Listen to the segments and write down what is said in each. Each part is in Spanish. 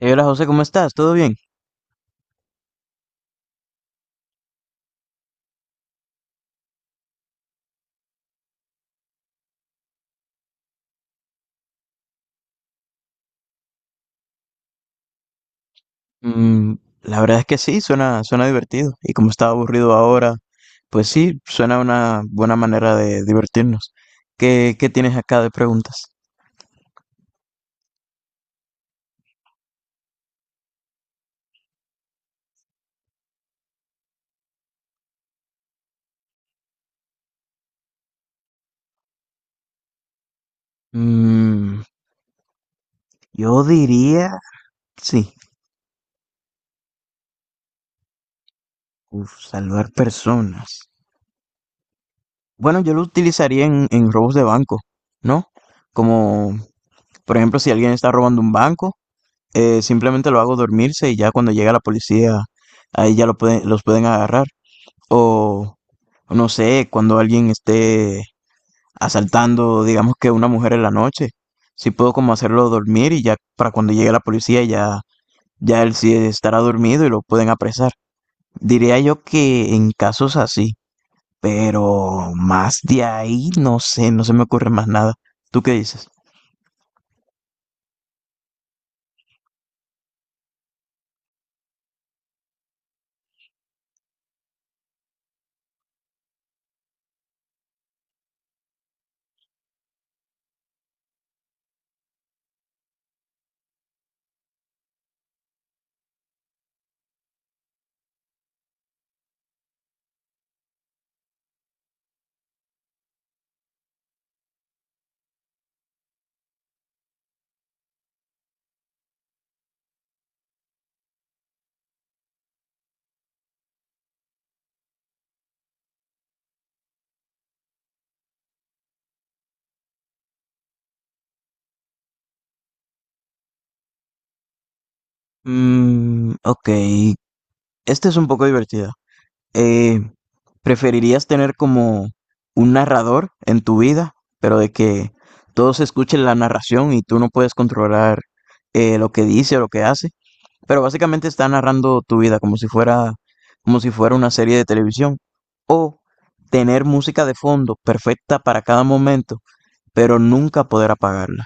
Hola José, ¿cómo estás? ¿Todo bien? Mm, la verdad es que sí, suena divertido. Y como estaba aburrido ahora, pues sí, suena una buena manera de divertirnos. ¿Qué tienes acá de preguntas? Mm, yo diría, sí, uf, salvar personas. Bueno, yo lo utilizaría en robos de banco, ¿no? Como, por ejemplo, si alguien está robando un banco, simplemente lo hago dormirse y ya cuando llega la policía, ahí ya los pueden agarrar. O no sé, cuando alguien esté asaltando, digamos que una mujer en la noche, si puedo como hacerlo dormir y ya para cuando llegue la policía ya, ya él sí estará dormido y lo pueden apresar. Diría yo que en casos así, pero más de ahí no sé, no se me ocurre más nada. ¿Tú qué dices? Ok, este es un poco divertido. Eh, ¿Preferirías tener como un narrador en tu vida, pero de que todos escuchen la narración y tú no puedes controlar lo que dice o lo que hace? Pero básicamente está narrando tu vida como si fuera una serie de televisión. O tener música de fondo perfecta para cada momento, pero nunca poder apagarla.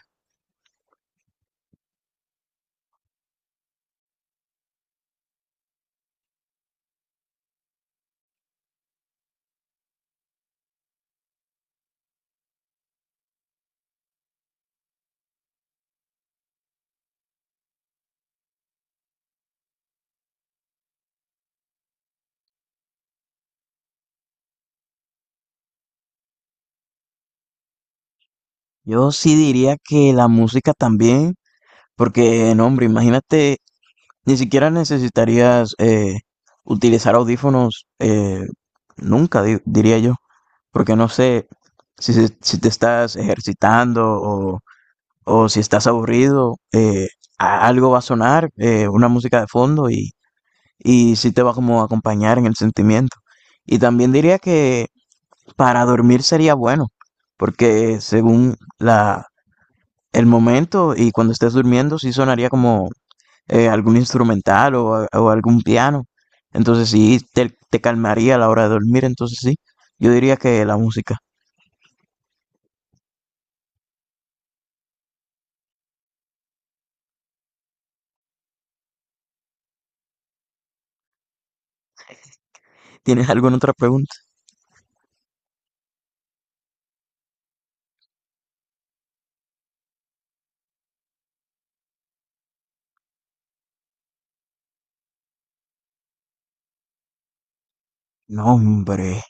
Yo sí diría que la música también. Porque, no, hombre, imagínate, ni siquiera necesitarías utilizar audífonos nunca, diría yo. Porque no sé si te estás ejercitando o si estás aburrido, algo va a sonar, una música de fondo y sí te va como a acompañar en el sentimiento. Y también diría que para dormir sería bueno, porque según el momento y cuando estés durmiendo, sí sonaría como algún instrumental o algún piano. Entonces sí, te calmaría a la hora de dormir. Entonces sí, yo diría que la música. ¿Tienes alguna otra pregunta? No, hombre.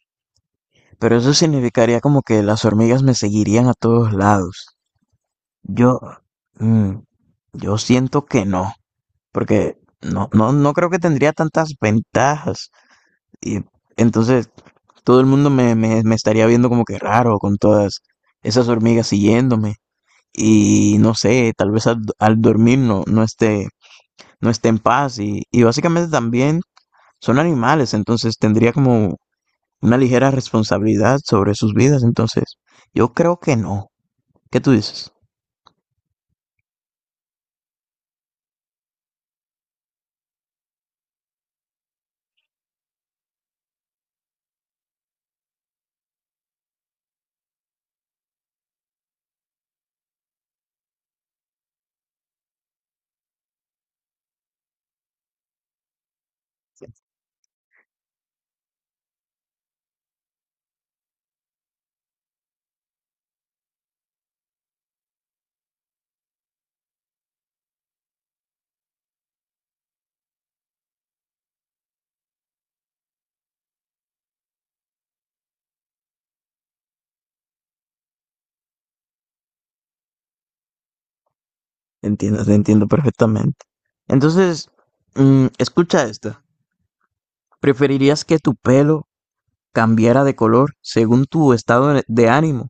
Pero eso significaría como que las hormigas me seguirían a todos lados. Yo, mm, yo siento que no, porque no creo que tendría tantas ventajas. Y entonces todo el mundo me estaría viendo como que raro con todas esas hormigas siguiéndome. Y no sé, tal vez al dormir no esté en paz y básicamente también son animales, entonces tendría como una ligera responsabilidad sobre sus vidas, entonces yo creo que no. ¿Qué tú dices? Entiendo, te entiendo perfectamente. Entonces, escucha esta. ¿Preferirías que tu pelo cambiara de color según tu estado de ánimo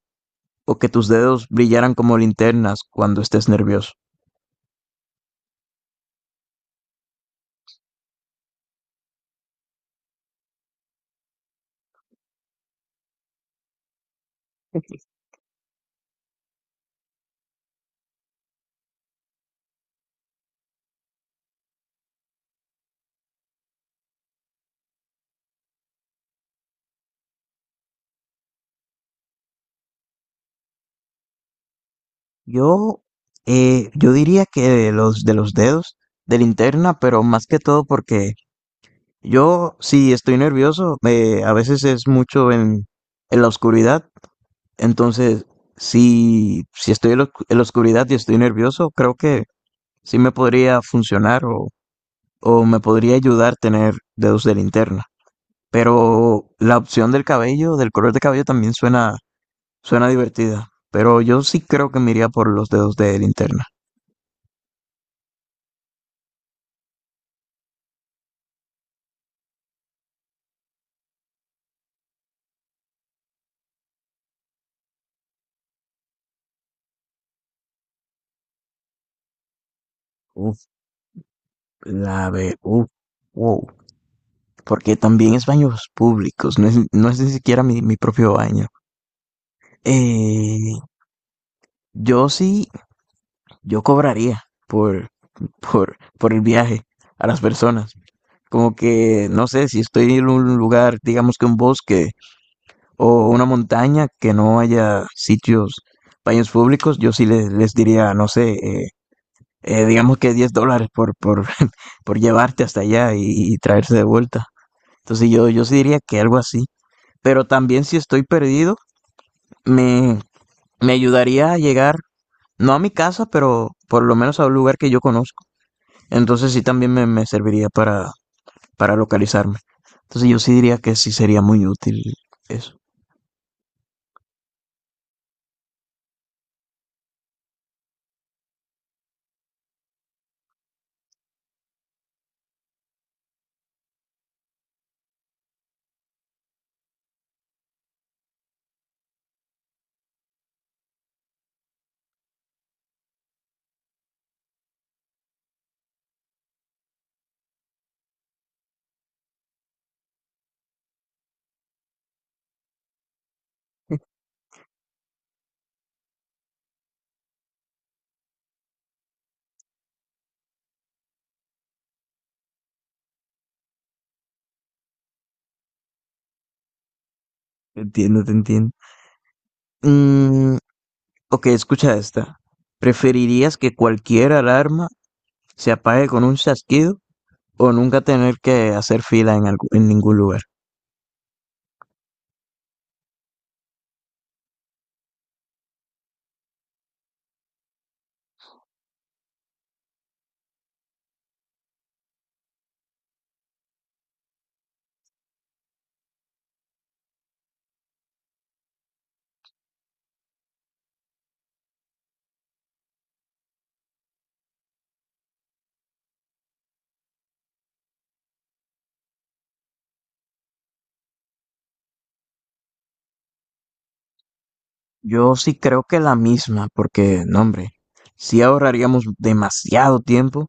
o que tus dedos brillaran como linternas cuando estés nervioso? Yo, yo diría que de los dedos, de linterna, pero más que todo porque yo, si estoy nervioso, a veces es mucho en la oscuridad. Entonces, si estoy en la en la oscuridad y estoy nervioso, creo que sí me podría funcionar o me podría ayudar tener dedos de linterna. Pero la opción del cabello, del color de cabello también suena divertida. Pero yo sí creo que me iría por los dedos de linterna. Uf, uf, wow, porque también es baños públicos, no es ni siquiera mi propio baño. Eh, yo sí, yo cobraría por, por el viaje a las personas. Como que, no sé, si estoy en un lugar, digamos que un bosque, o una montaña que no haya sitios, baños públicos, yo sí les diría, no sé, digamos que $10 por llevarte hasta allá y traerse de vuelta. Entonces yo sí diría que algo así. Pero también si estoy perdido, me, me ayudaría a llegar, no a mi casa, pero por lo menos a un lugar que yo conozco. Entonces sí también me serviría para localizarme. Entonces yo sí diría que sí sería muy útil eso. Entiendo, te entiendo. Mm, ok, escucha esta. ¿Preferirías que cualquier alarma se apague con un chasquido o nunca tener que hacer fila en ningún lugar? Yo sí creo que la misma, porque, no, hombre, sí ahorraríamos demasiado tiempo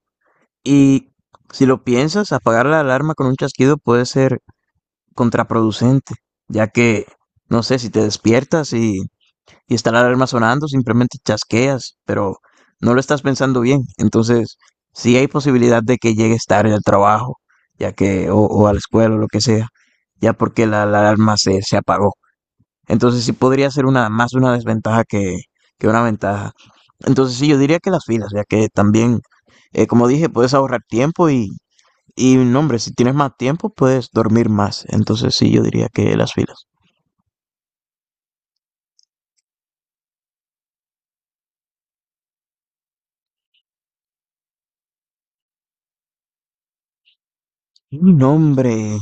y si lo piensas, apagar la alarma con un chasquido puede ser contraproducente, ya que, no sé, si te despiertas y está la alarma sonando, simplemente chasqueas, pero no lo estás pensando bien. Entonces, sí hay posibilidad de que llegues tarde al trabajo, ya que, o a la escuela o lo que sea, ya porque la alarma se apagó. Entonces, sí podría ser más una desventaja que una ventaja. Entonces, sí, yo diría que las filas, ya que también, como dije, puedes ahorrar tiempo y no, hombre, si tienes más tiempo, puedes dormir más. Entonces sí, yo diría que las filas. Y no, hombre,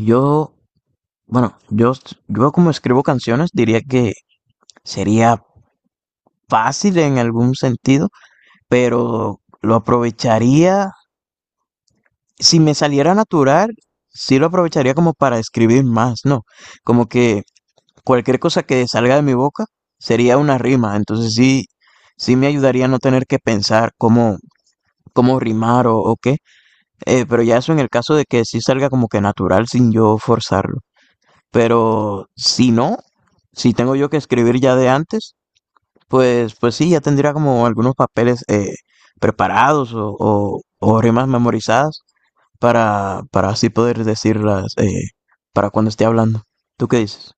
yo, bueno, yo como escribo canciones, diría que sería fácil en algún sentido, pero lo aprovecharía, si me saliera natural, sí lo aprovecharía como para escribir más, ¿no? Como que cualquier cosa que salga de mi boca sería una rima, entonces sí, sí me ayudaría a no tener que pensar cómo rimar o qué. Pero ya eso en el caso de que sí salga como que natural sin yo forzarlo. Pero si no, si tengo yo que escribir ya de antes, pues sí, ya tendría como algunos papeles preparados o rimas memorizadas para así poder decirlas para cuando esté hablando. ¿Tú qué dices?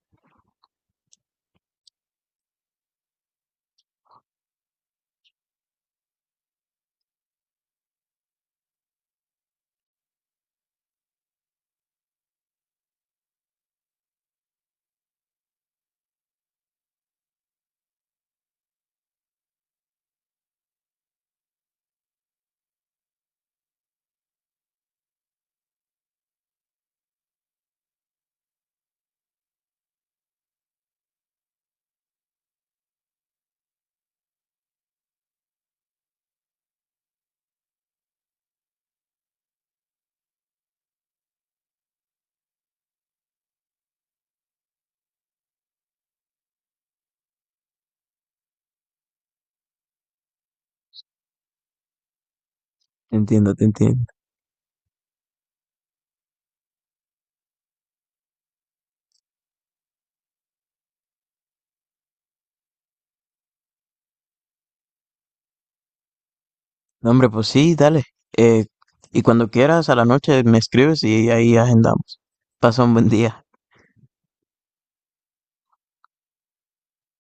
Te entiendo, te entiendo. No, hombre, pues sí, dale. Eh, y cuando quieras, a la noche me escribes y ahí agendamos. Pasa un buen día.